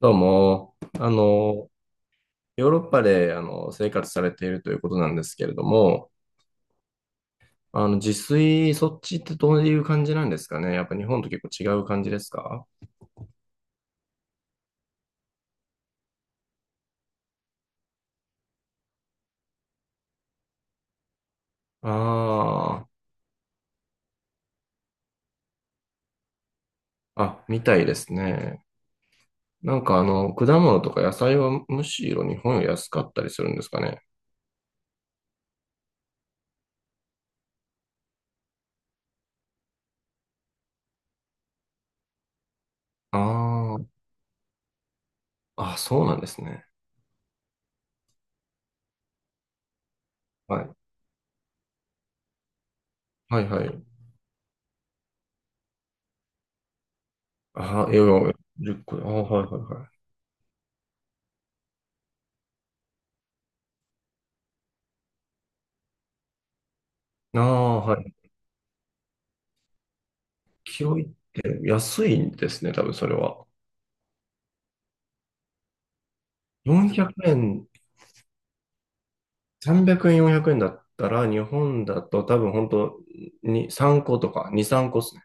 どうも、ヨーロッパで、生活されているということなんですけれども、自炊、そっちってどういう感じなんですかね？やっぱ日本と結構違う感じですか？ああー、あ、みたいですね。なんか果物とか野菜はむしろ日本より安かったりするんですかね？ああ、あ、そうなんですね。はい。はいはい。ああ、いやいや、10個。ああ、はいはいはい。ああ、いやいや個、ああ、はい。キロいって安いんですね、多分それは。400円、300円、400円だったら、日本だと多分本当に3個とか、2、3個ですね。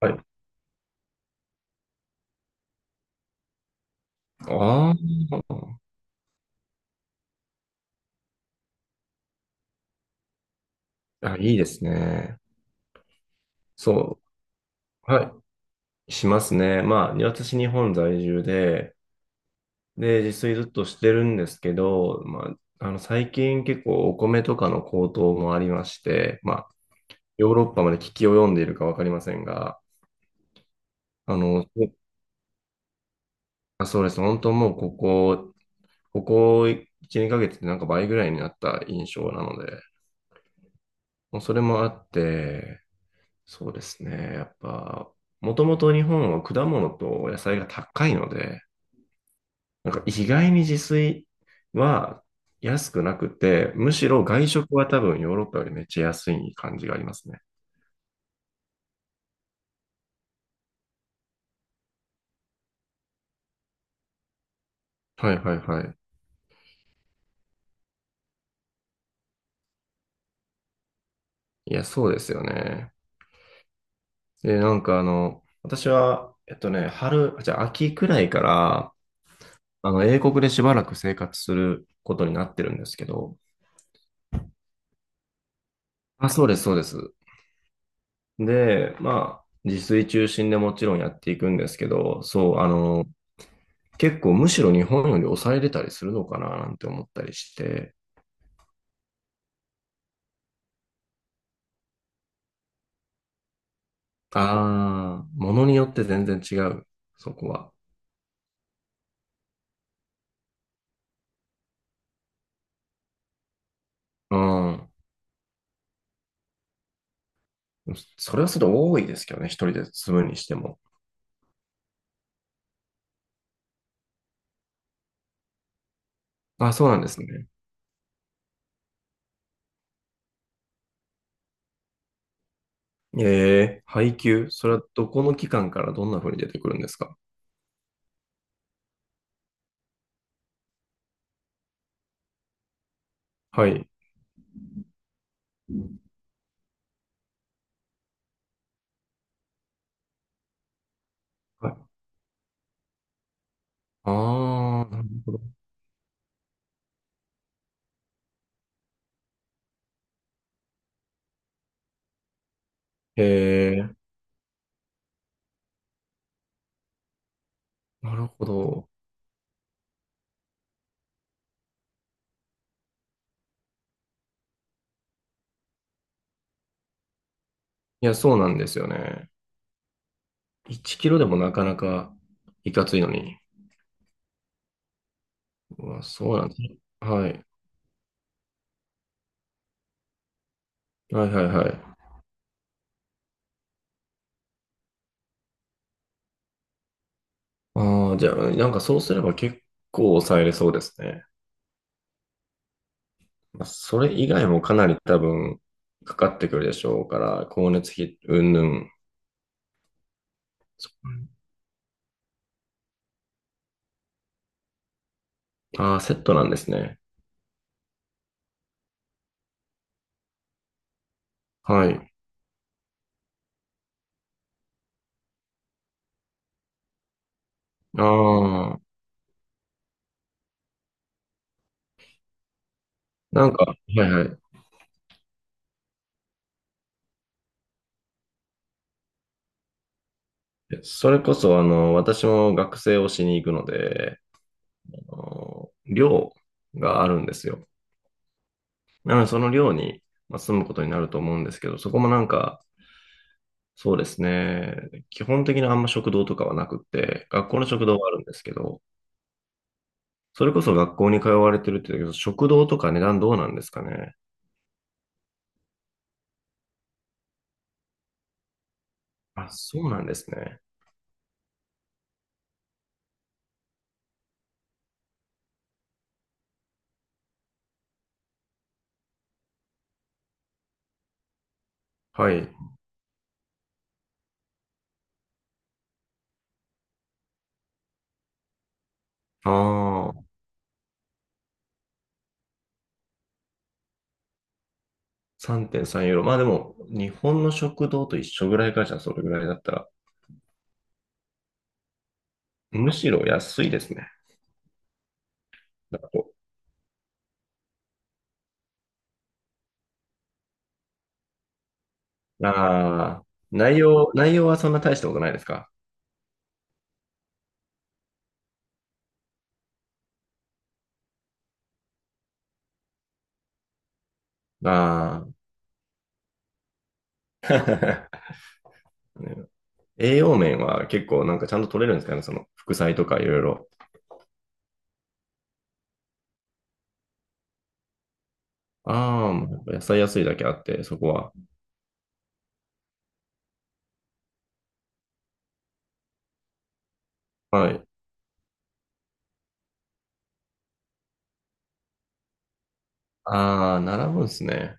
はい。あーあ、いいですね。そう。はい。しますね。まあ、私日本在住で、で、自炊ずっとしてるんですけど、まあ、最近結構お米とかの高騰もありまして、まあ、ヨーロッパまで危機を読んでいるかわかりませんが、あの、あ、そうです。本当もうここ1、2ヶ月でなんか倍ぐらいになった印象なので、もうそれもあって、そうですね。やっぱ、もともと日本は果物と野菜が高いので、なんか意外に自炊は安くなくて、むしろ外食は多分ヨーロッパよりめっちゃ安い感じがありますね。はいはいはい。いや、そうですよね。で、なんか私は、春、じゃあ秋くらいから、英国でしばらく生活することになってるんですけど、あ、そうです、そうです。で、まあ、自炊中心でもちろんやっていくんですけど、そう、結構むしろ日本より抑えれたりするのかななんて思ったりして、ああ、ものによって全然違う、そこは。うん。それはそれで多いですけどね、一人で住むにしても。あ、そうなんですね。ええ、配給、それはどこの期間からどんな風に出てくるんですか？はい。はい。ああ、なるほど。ええ、なるほど。いや、そうなんですよね。1キロでもなかなかいかついのに。うわ、そうなんですね。はい。はいはいはい。ああ、じゃあ、なんかそうすれば結構抑えれそうですね。まあ、それ以外もかなり多分かかってくるでしょうから、光熱費云々。ああ、セットなんですね。はい。ああ、なんか、はいはい。それこそ、私も学生をしに行くので、あの寮があるんですよ。なので、その寮に、まあ、住むことになると思うんですけど、そこもなんか、そうですね、基本的にあんま食堂とかはなくって、学校の食堂はあるんですけど、それこそ学校に通われてるって言うけど、食堂とか値段どうなんですかね？あ、そうなんですね。はい。ああ、3.3ユーロ。まあでも、日本の食堂と一緒ぐらいかじゃあ、それぐらいだったら、むしろ安いですね。だと。ああ、内容はそんな大したことないですか？ああー。栄養面は結構なんかちゃんと取れるんですかね、その副菜とかいろいろ。ああ、もうやっぱ野菜安いだけあって、そこは。はい。ああ、並ぶんですね。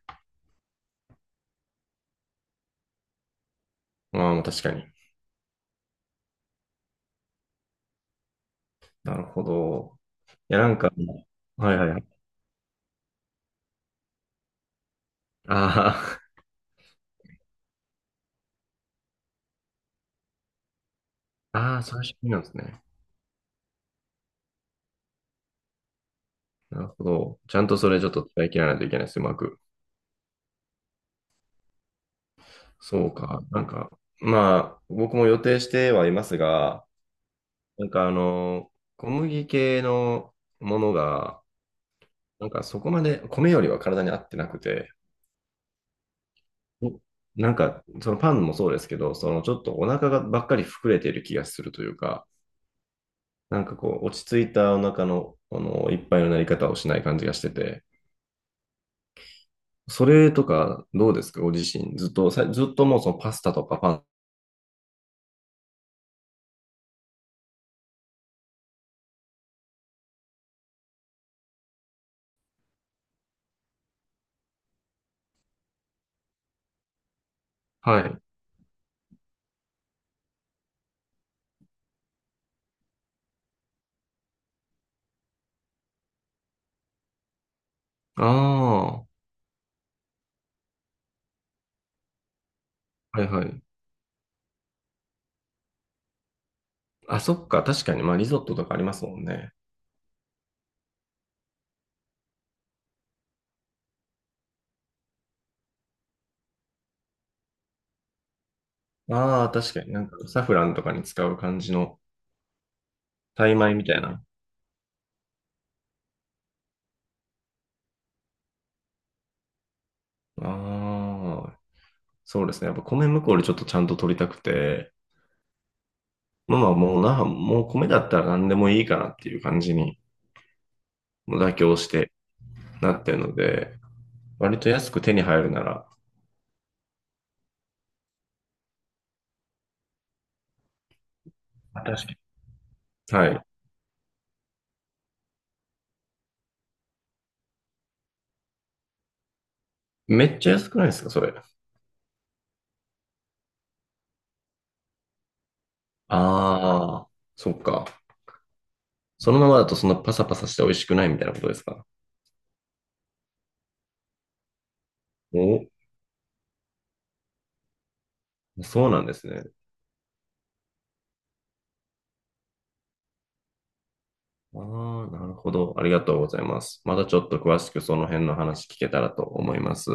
ああ、確かに。なるほど。いや、なんか、はいはいはい。ああ、ああ、そういう仕組みなんですね。なるほど。ちゃんとそれちょっと使い切らないといけないです、うまく。そうか。なんか、まあ、僕も予定してはいますが、なんか小麦系のものが、なんかそこまで、米よりは体に合ってなくて、なんか、そのパンもそうですけど、そのちょっとお腹がばっかり膨れてる気がするというか、なんかこう、落ち着いたお腹の、いっぱいのなり方をしない感じがしてて、それとかどうですかご自身。ずっともうそのパスタとかパン。はい。ああ、はいはい。あ、そっか、確かに、まあリゾットとかありますもんね。ああ、確かになんかサフランとかに使う感じのタイ米みたいな。ああ、そうですね。やっぱ米向こうでちょっとちゃんと取りたくて、まあまあもう米だったら何でもいいかなっていう感じに、もう妥協してなってるので、割と安く手に入るなら、確かに。はい。めっちゃ安くないですか、それ。ああ、そっか。そのままだとそんなパサパサして美味しくないみたいなことですか？お、そうなんですね。ああ、なるほど。ありがとうございます。またちょっと詳しくその辺の話聞けたらと思います。